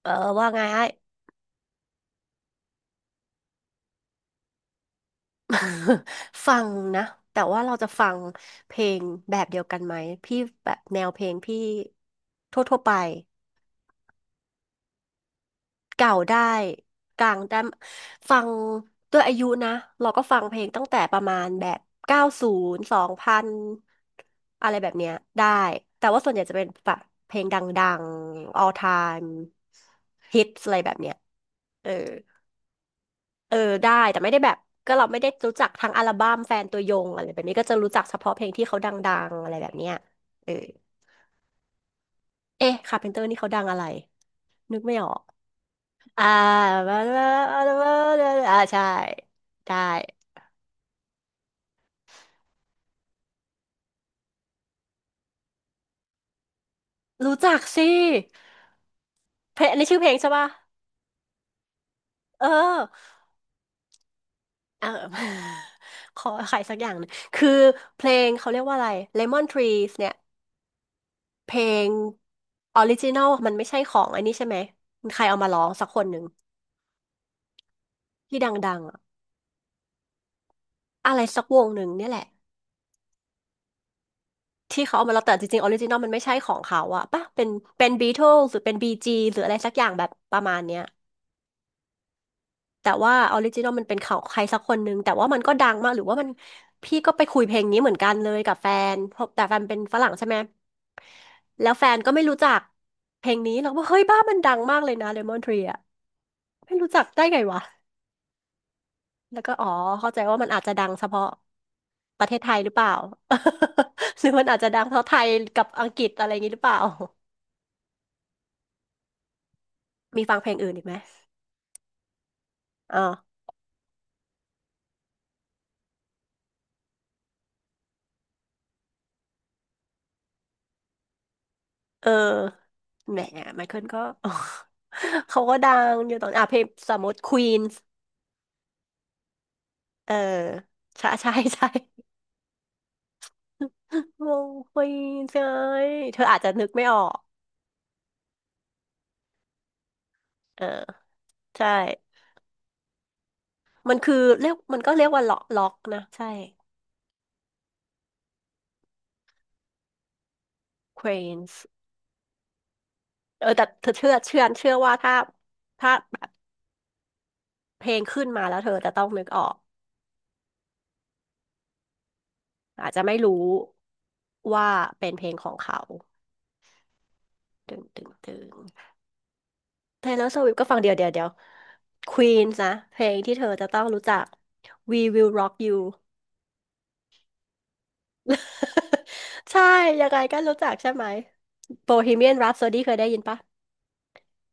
เออว่าไงไอ้ ฟังนะแต่ว่าเราจะฟังเพลงแบบเดียวกันไหมพี่แบบแนวเพลงพี่ทั่วๆไปเก่าได้กลางได้ฟังด้วยอายุนะเราก็ฟังเพลงตั้งแต่ประมาณแบบเก้าศูนย์สองพันอะไรแบบเนี้ยได้แต่ว่าส่วนใหญ่จะเป็นแบบเพลงดังๆ all time hits อะไรแบบเนี้ยเออ เออได้แต่ไม่ได้แบบก็เราไม่ได้รู้จักทั้งอัลบั้มแฟนตัวยงอะไรแบบนี้ก็จะรู้จักเฉพาะเพลงที่เขาดังๆอะไรแบบเนี้ยเออเอ๊ะคาร์เพนเตอร์นี่เขาดังอะไรนึกไม่ออกอ่าอ่าใช่ได้รู้จักสิเพลงอันนี้ชื่อเพลงใช่ป่ะเออเออ ขอใครสักอย่างหนึงคือเพลงเขาเรียกว่าอะไร Lemon Trees เนี่ยเพลงออริจินอลมันไม่ใช่ของอันนี้ใช่ไหมใครเอามาร้องสักคนหนึ่งที่ดังๆอะ อะไรสักวงหนึ่งเนี่ยแหละที่เขาเอามาแล้วแต่จริงๆออริจินอลมันไม่ใช่ของเขาอะป่ะเป็นเป็นบีทลหรือเป็นบีจีหรืออะไรสักอย่างแบบประมาณเนี้ยแต่ว่าออริจินอลมันเป็นของใครสักคนหนึ่งแต่ว่ามันก็ดังมากหรือว่ามันพี่ก็ไปคุยเพลงนี้เหมือนกันเลยกับแฟนเพราะแต่แฟนเป็นฝรั่งใช่ไหมแล้วแฟนก็ไม่รู้จักเพลงนี้เราก็เฮ้ยบ้ามันดังมากเลยนะเลมอนทรีอะไม่รู้จักได้ไงวะ แล้วก็อ๋อเข้าใจว่ามันอาจจะดังเฉพาะประเทศไทยหรือเปล่า หรือมันอาจจะดังเท่าไทยกับอังกฤษอะไรอย่างนี้หรือเปล่ามีฟังเพลงอื่นอีกไหมอ๋อเออแหมไมเคิลก็ เขาก็ดังอยู่ตอนอ่ะเพลงสมมติควีนส์เออใช่ใช่ใช่ วงควีนส์ใช่เธออาจจะนึกไม่ออกเออใช่มันคือเรียกมันก็เรียกว่าล็อกล็อกนะใช่ Queens เออแต่เธอเชื่อว่าถ้าถ้าเพลงขึ้นมาแล้วเธอจะต้องนึกออกอาจจะไม่รู้ว่าเป็นเพลงของเขาตึงตึงตึง Taylor Swift ก็ฟังเดียวเดียวเดียว Queen นะเพลงที่เธอจะต้องรู้จัก We Will Rock You ใช่ยังไงก็รู้จักใช่ไหม Bohemian Rhapsody เคยได้ยินปะ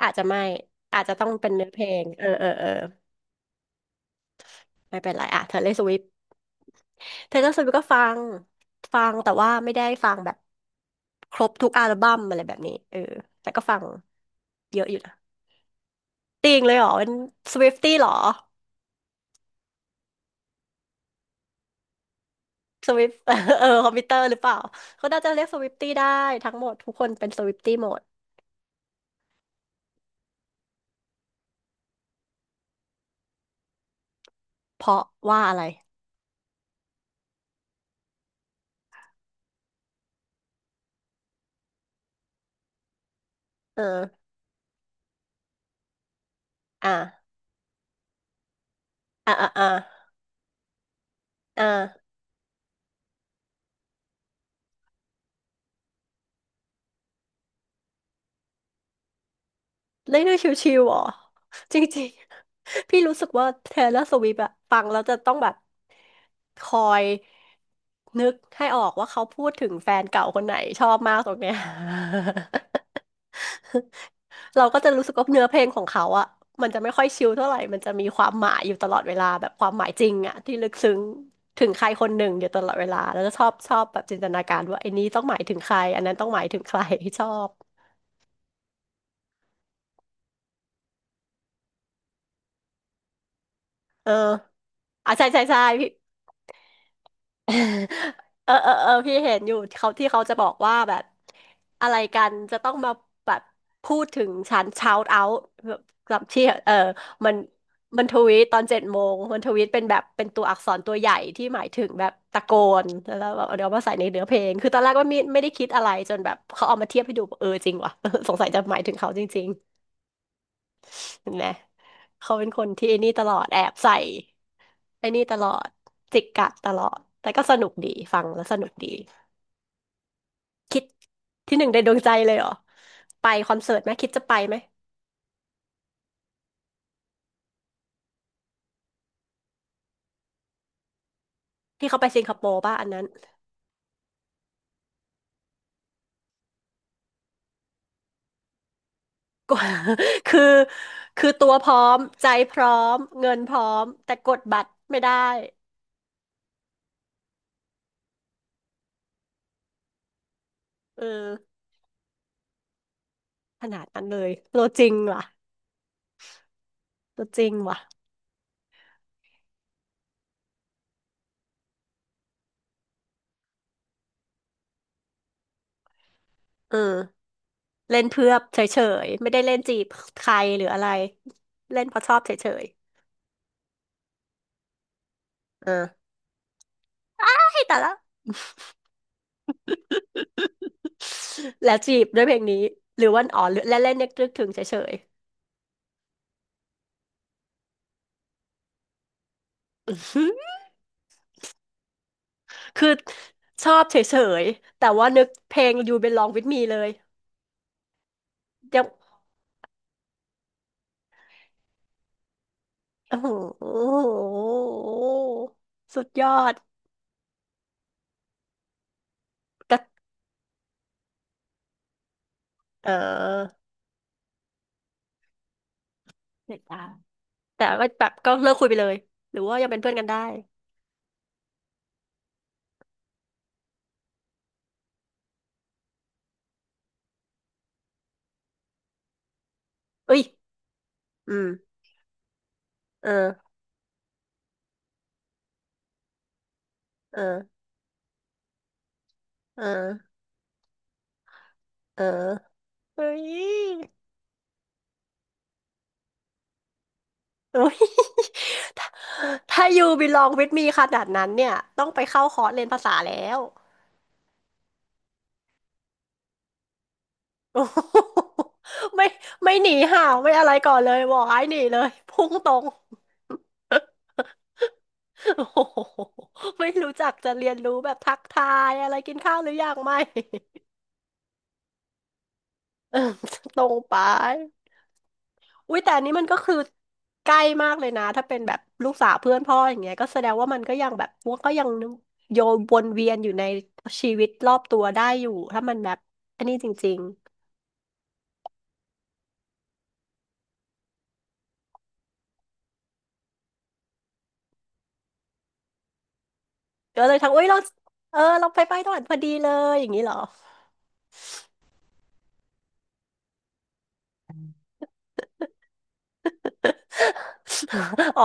อาจจะไม่อาจจะต้องเป็นเนื้อเพลงเออเออเออ ไม่เป็นไรอ่ะเธอเลอรสวิฟเ์เทย์เลอร์สวิฟ์ก็ฟังฟังแต่ว่าไม่ได้ฟังแบบครบทุกอัลบั้มอะไรแบบนี้เออแต่ก็ฟังเยอะอยู่นะติงเลยเหรอเป็นสวิฟตี้เหรอสวิฟ เออคอมพิวเตอร์หรือเปล่าเขาน่าจะเรียกสวิฟตี้ได้ทั้งหมดทุกคนเป็นสวิฟตี้หมดเพราะว่าอะไรเอออ่ะอ่ะอ่ะอ่ะอ่ะ เล่นได้ชิวๆเหรอจริงๆ พี่รู้สึกว่าเทเลอร์สวิฟต์อะฟังแล้วจะต้องแบบคอยนึกให้ออกว่าเขาพูดถึงแฟนเก่าคนไหนชอบมากตรงเนี้ย เราก็จะรู้สึกว่าเนื้อเพลงของเขาอะมันจะไม่ค่อยชิลเท่าไหร่มันจะมีความหมายอยู่ตลอดเวลาแบบความหมายจริงอะที่ลึกซึ้งถึงใครคนหนึ่งอยู่ตลอดเวลาแล้วก็ชอบชอบแบบจินตนาการว่าไอ้นี้ต้องหมายถึงใครอันนั้นต้องหมายถึงใคร ชอบเอออ่ะใช่ใช่ใช่พี่ เออเออเออพี่เห็นอยู่เขาที่เขาจะบอกว่าแบบอะไรกันจะต้องมาแบบพูดถึงฉัน shout out แบบกับที่เออมันมันทวีตตอน7 โมงมันทวีตเป็นแบบเป็นตัวอักษรตัวใหญ่ที่หมายถึงแบบตะโกนแล้วแบบเดี๋ยวมาใส่ในเนื้อเพลงคือตอนแรกว่าไม่ได้คิดอะไรจนแบบเขาเอามาเทียบให้ดูเออจริงว่ะ สงสัยจะหมายถึงเขาจริงๆเห็นไหมเขาเป็นคนที่ไอ้นี่ตลอดแอบใส่ไอ้นี่ตลอดจิกกัดตลอดแต่ก็สนุกดีฟังแล้วสนุกดี คิดที่หนึ่งในดวงใจเลยเหรอไปคอนเสิร์ตไหมคิดจะไปไหมที่เขาไปสิงคโปร์ป่ะอันนั้น กว่า คือคือตัวพร้อมใจพร้อมเงินพร้อมแต่กดบัตรไม่ได้เออขนาดนั้นเลยตัวจริงว่ะตัวจริงว่ะเออเล่นเพื่อเฉยๆไม่ได้เล่นจีบใครหรืออะไรเล่นเพราะชอบเฉยๆเออให้แต่ละ แล้วจีบด้วยเพลงนี้หรือว่าอ๋อและเล่นนึกถึงเฉยๆ คือชอบเฉยๆแต่ว่านึกเพลง You Belong With Me เลย ยัง โอ้โห สุดยอดก็เออเด็ดจาแต่ก็แบบก็เลิกคุยไปเลย หรือว่ายังเป็นเพื่อนกันได้เอ้ยอืมเออเออเออเออเฮ้ยเอ้ยถ้าถ้า You Belong With Me ขนาดนั้นเนี่ยต้องไปเข้าคอร์สเรียนภาษาแล้ว โอ้โหไม่ไม่หนีห่าวไม่อะไรก่อนเลยบอกไอ้หนีเลยพุ่งตรง โอ้โหไม่รู้จักจะเรียนรู้แบบทักทายอะไรกินข้าวหรือยังไม่ เออตรงไปอุ้ยแต่อันนี้มันก็คือใกล้มากเลยนะถ้าเป็นแบบลูกสาวเพื่อนพ่ออย่างเงี้ยก็แสดงว่ามันก็ยังแบบมันก็ยังโยนวนเวียนอยู่ในชีวิตรอบตัวได้อยู่ถ้ามันแบบอันนี้จริงๆก็เลยทักอุ้ยเราเออเราไปตอนพอดีเลยอย่างนี้เหรอ อ๋อ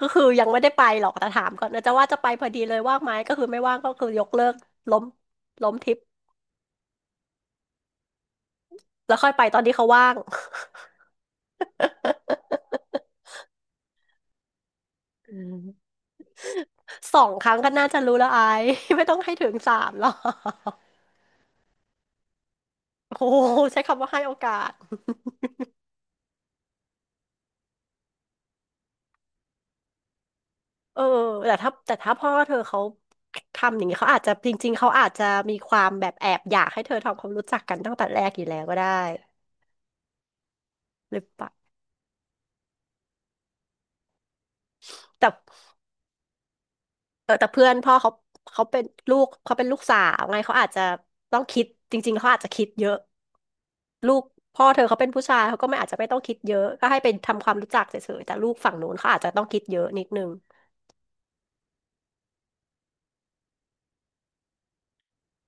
ก็คือยังไม่ได้ไปหรอกแต่ถามก่อนนะจะว่าจะไปพอดีเลยว่างไหมก็คือไม่ว่างก็คือยกเลิกล้มล้มทริปแล้วค่อยไปตอนที่เขาว่างอืม สองครั้งก็น่าจะรู้แล้วไอ้ ไม่ต้องให้ถึงสามหรอก โอ้โหใช้คำว่าให้โอกาส เออแต่ถ้าพ่อเธอเขาทำอย่างนี้เขาอาจจะจริงๆเขาอาจจะมีความแบบแอบอยากให้เธอทำความรู้จักกันตั้งแต่แรกอยู่แล้วก็ได้หรือเปล่าแต่ เออแต่เพื่อนพ่อเขาเขาเป็นเขาเป็นลูกสาวไงเขาอาจจะต้องคิดจริงๆเขาอาจจะคิดเยอะลูกพ่อเธอเขาเป็นผู้ชายเขาก็ไม่อาจจะไม่ต้องคิดเยอะก็ให้ไปทำความรู้จักเฉยๆแต่ลูกฝั่งนู้นเขาอาจจะต้องคิดเยอะนิดนึง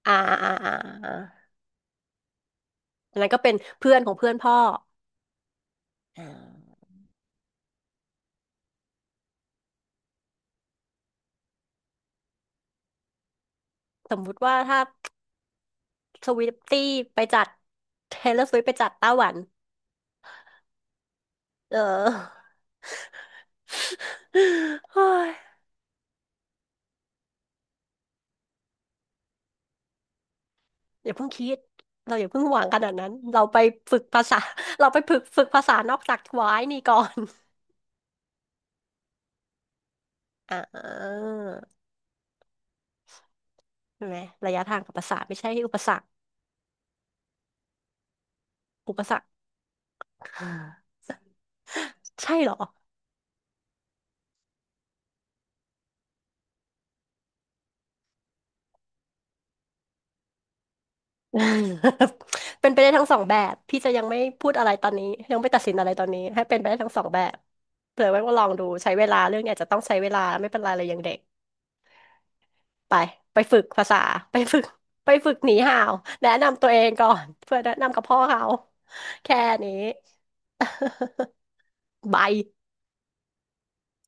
อ่าอ่าอ่าอาอันนั้นก็เป็นเพื่อนของเพื่อนพ่ออ่าสมมุติว่าถ้าสวิฟตี้ไปจัดเทเลอร์สวิฟไปจัดไต้หวันเออ เฮ้ย อย่าเพิ่งคิดเราอย่าเพิ่งหวังขนาดนั้นเราไปฝึกภาษา เราไปฝึกภาษานอกจากวายนี่ก่อน อ่าใช่ไหมระยะทางกับภาษาไม่ใช่อุปสรรคอุปสรรคใช่เหรอ เป็นไปได้ทั้งสองแบบพี่จะยังไม่พูดอะไรตอนนี้ยังไม่ตัดสินอะไรตอนนี้ให้เป็นไปได้ทั้งสองแบบเผื่อไว้ว่าลองดูใช้เวลาเรื่องเนี่ยจะต้องใช้เวลาไม่เป็นไรเลยยังเด็ก ไปไปฝึกภาษาไปฝึกไปฝึกหนีห่าวแนะนำตัวเองก่อนเพื่อแนะนำกับพ่อเขาแค่นี้ บาย